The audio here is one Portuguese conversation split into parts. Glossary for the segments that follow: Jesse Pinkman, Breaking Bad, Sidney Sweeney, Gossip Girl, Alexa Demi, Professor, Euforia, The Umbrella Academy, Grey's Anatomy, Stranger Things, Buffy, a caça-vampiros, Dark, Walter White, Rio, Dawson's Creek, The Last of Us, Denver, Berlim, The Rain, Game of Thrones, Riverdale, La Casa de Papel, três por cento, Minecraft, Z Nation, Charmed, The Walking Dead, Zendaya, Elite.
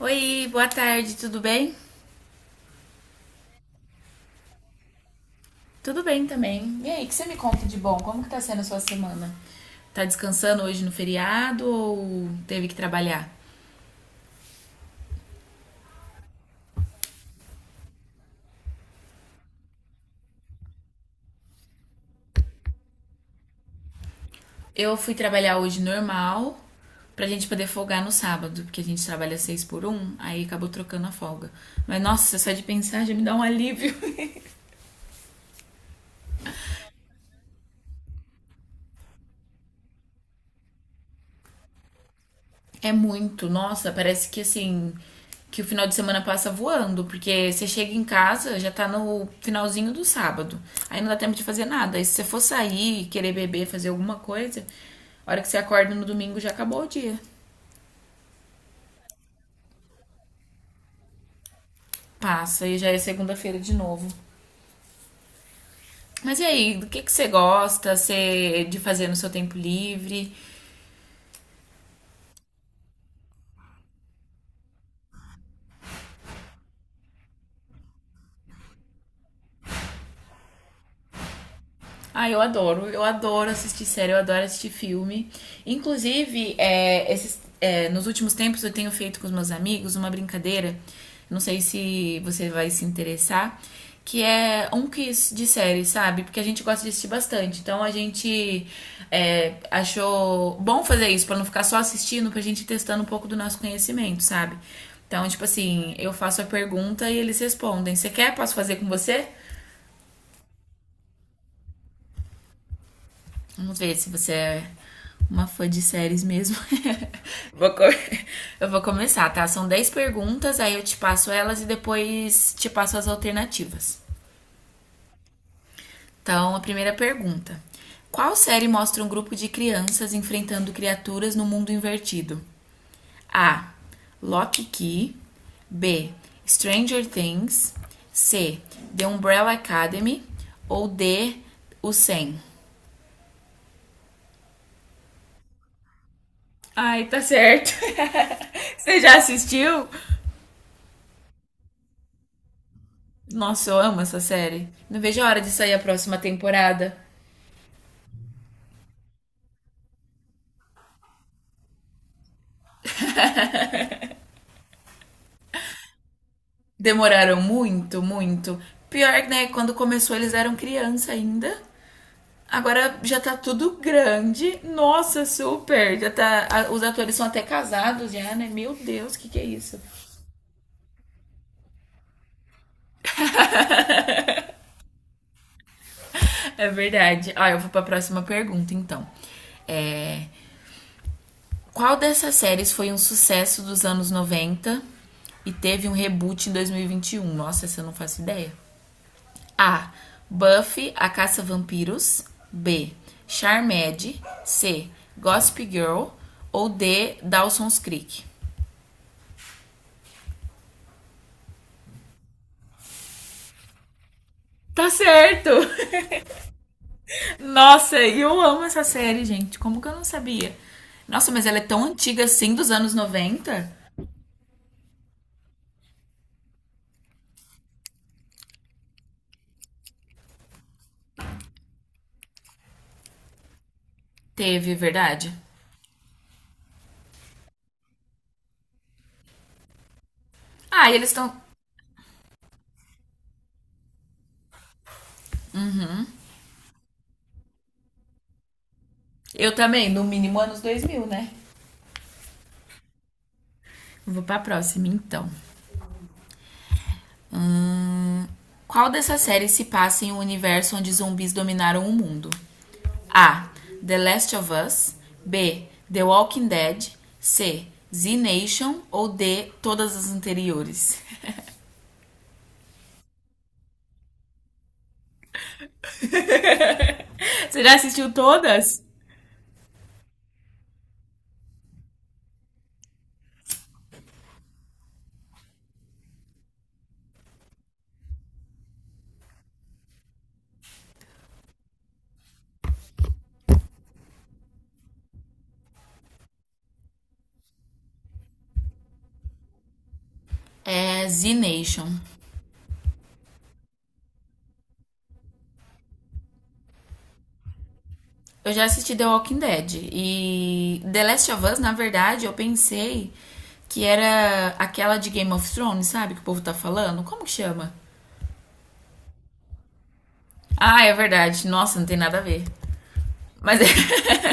Oi, boa tarde, tudo bem? Tudo bem também. E aí, o que você me conta de bom? Como que tá sendo a sua semana? Tá descansando hoje no feriado ou teve que trabalhar? Eu fui trabalhar hoje normal pra gente poder folgar no sábado, porque a gente trabalha seis por um, aí acabou trocando a folga. Mas nossa, só de pensar já me dá um alívio. É muito, nossa, parece que assim, que o final de semana passa voando, porque você chega em casa, já tá no finalzinho do sábado. Aí não dá tempo de fazer nada. Aí se você for sair, querer beber, fazer alguma coisa, a hora que você acorda no domingo já acabou o dia. Passa e já é segunda-feira de novo. Mas e aí, do que você gosta você, de fazer no seu tempo livre? Ah, eu adoro. Eu adoro assistir série, eu adoro assistir filme. Inclusive, esses, nos últimos tempos eu tenho feito com os meus amigos uma brincadeira. Não sei se você vai se interessar. Que é um quiz de série, sabe? Porque a gente gosta de assistir bastante. Então a gente achou bom fazer isso, pra não ficar só assistindo, pra gente ir testando um pouco do nosso conhecimento, sabe? Então, tipo assim, eu faço a pergunta e eles respondem. Você quer? Posso fazer com você? Vamos ver se você é uma fã de séries mesmo. Vou co- eu vou começar, tá? São 10 perguntas, aí eu te passo elas e depois te passo as alternativas. Então, a primeira pergunta. Qual série mostra um grupo de crianças enfrentando criaturas no mundo invertido? A. Lock Key. B. Stranger Things. C. The Umbrella Academy. Ou D. O 100. Ai, tá certo. Você já assistiu? Nossa, eu amo essa série. Não vejo a hora de sair a próxima temporada. Demoraram muito, muito. Pior, né? Quando começou, eles eram criança ainda. Agora já tá tudo grande. Nossa, super! Já tá, os atores são até casados já, né? Meu Deus, o que, que é isso? É verdade. Ah, eu vou pra próxima pergunta, então. É, qual dessas séries foi um sucesso dos anos 90 e teve um reboot em dois mil e vinte e um? Nossa, essa eu não faço ideia. A. Buffy, a caça-vampiros. B. Charmed. C. Gossip Girl. Ou D. Dawson's Creek. Tá certo! Nossa, eu amo essa série, gente. Como que eu não sabia? Nossa, mas ela é tão antiga assim, dos anos 90? Teve, é verdade? Ah, e eles estão. Eu também, no mínimo anos 2000, né? Vou pra próxima, então. Qual dessas séries se passa em um universo onde zumbis dominaram o mundo? A. The Last of Us. B. The Walking Dead. C. Z Nation ou D. Todas as anteriores. Você já assistiu todas? É Z Nation. Eu já assisti The Walking Dead e The Last of Us, na verdade, eu pensei que era aquela de Game of Thrones, sabe? Que o povo tá falando. Como que chama? Ah, é verdade. Nossa, não tem nada a ver. Mas é,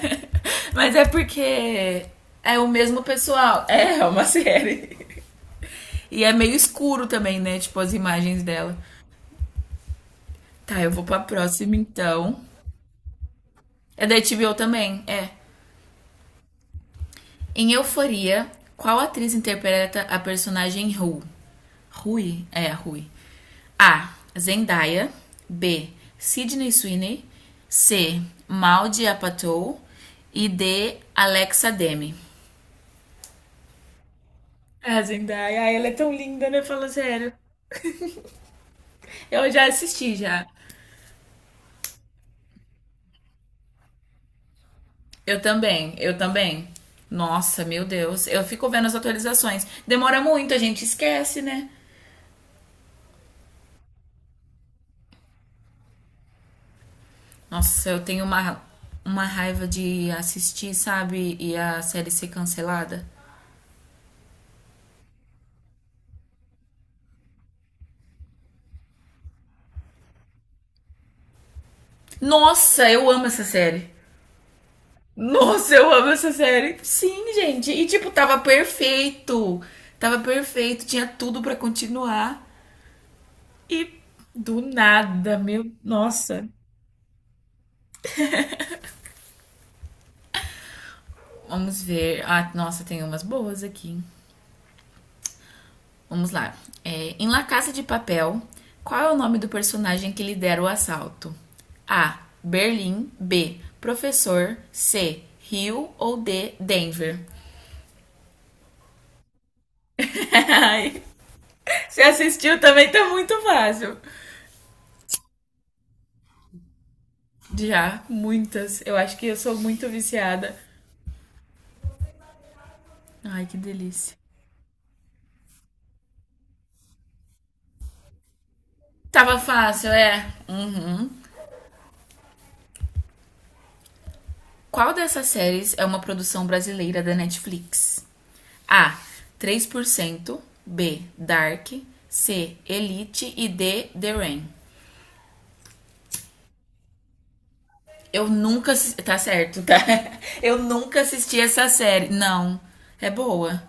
Mas é porque é o mesmo pessoal. É, é uma série. E é meio escuro também, né? Tipo, as imagens dela. Tá, eu vou pra próxima então. É da HBO também? É. Em Euforia, qual atriz interpreta a personagem Rue? Rui? É, Rui. A. Zendaya. B. Sidney Sweeney. C. Maldi Apatow. E D. Alexa Demi. A Zendaya, ela é tão linda, né? Fala sério. Eu já assisti já. Eu também, eu também. Nossa, meu Deus. Eu fico vendo as atualizações. Demora muito, a gente esquece, né? Nossa, eu tenho uma raiva de assistir, sabe? E a série ser cancelada. Nossa, eu amo essa série. Nossa, eu amo essa série. Sim, gente. E tipo, tava perfeito. Tava perfeito, tinha tudo pra continuar. E do nada, meu. Nossa. Vamos ver. Ah, nossa, tem umas boas aqui. Vamos lá. É, em La Casa de Papel, qual é o nome do personagem que lidera o assalto? A. Berlim. B. Professor. C. Rio ou D. Denver? Ai, Você assistiu também tá muito fácil. Já, muitas. Eu acho que eu sou muito viciada. Ai, que delícia. Tava fácil, é? Uhum. Qual dessas séries é uma produção brasileira da Netflix? A. 3%, B. Dark. C. Elite. E D. The Rain. Eu nunca. Tá certo, tá? Eu nunca assisti essa série. Não. É boa.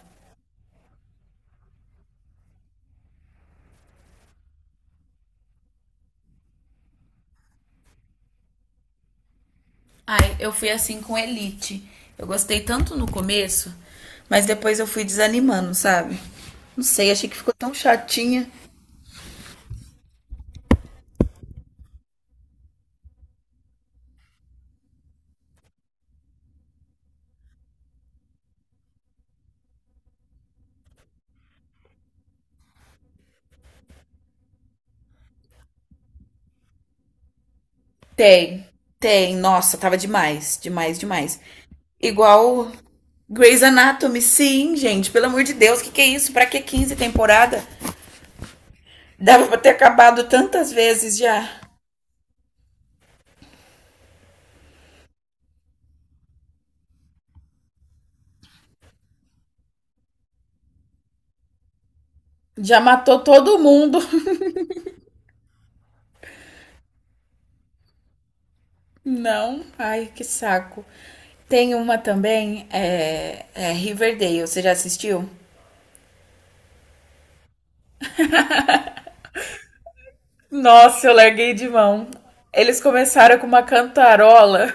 Ai, eu fui assim com Elite. Eu gostei tanto no começo, mas depois eu fui desanimando, sabe? Não sei, achei que ficou tão chatinha. Tem, tem. Nossa, tava demais, demais, demais. Igual Grey's Anatomy, sim, gente. Pelo amor de Deus, o que que é isso? Pra que 15 temporada? Dava pra ter acabado tantas vezes já. Já matou todo mundo. Não. Ai, que saco. Tem uma também, é Riverdale. Você já assistiu? Nossa, eu larguei de mão. Eles começaram com uma cantarola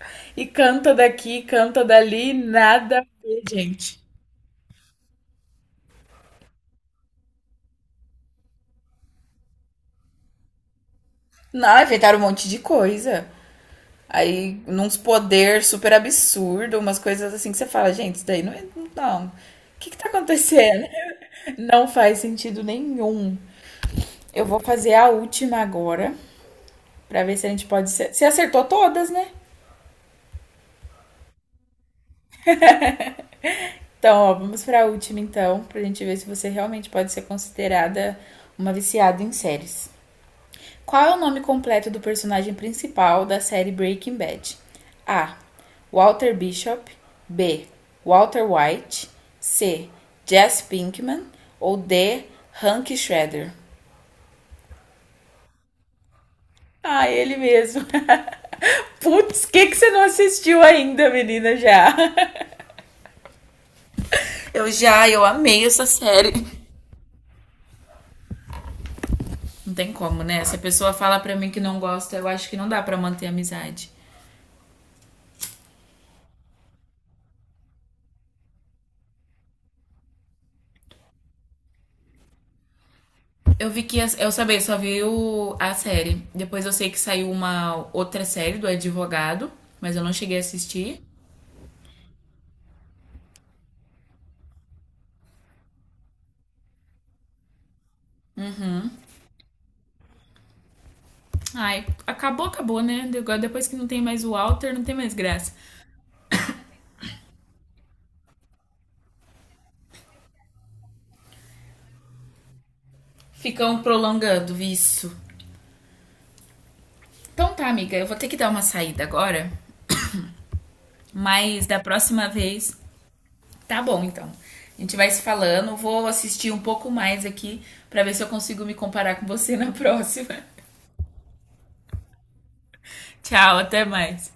e canta daqui, canta dali, nada a ver, gente. Não, inventaram um monte de coisa. Aí, num poder super absurdo, umas coisas assim que você fala, gente, isso daí não é. Não. O que que tá acontecendo? Não faz sentido nenhum. Eu vou fazer a última agora, pra ver se a gente pode ser. Você acertou todas, né? Então, ó, vamos pra última então, pra gente ver se você realmente pode ser considerada uma viciada em séries. Qual é o nome completo do personagem principal da série Breaking Bad? A. Walter Bishop. B. Walter White. C. Jesse Pinkman. Ou D. Hank Shredder. Ah, ele mesmo. Putz, que você não assistiu ainda, menina, já? Eu já, eu amei essa série. Não tem como, né? Se a pessoa fala pra mim que não gosta, eu acho que não dá pra manter a amizade. Eu vi que. Eu sabia, só vi a série. Depois eu sei que saiu uma outra série do Advogado, mas eu não cheguei a assistir. Ai, acabou, acabou, né? Agora, depois que não tem mais o Walter, não tem mais graça. Ficam prolongando isso. Então tá, amiga, eu vou ter que dar uma saída agora, mas da próxima vez. Tá bom, então. A gente vai se falando. Vou assistir um pouco mais aqui pra ver se eu consigo me comparar com você na próxima. Tchau, até mais.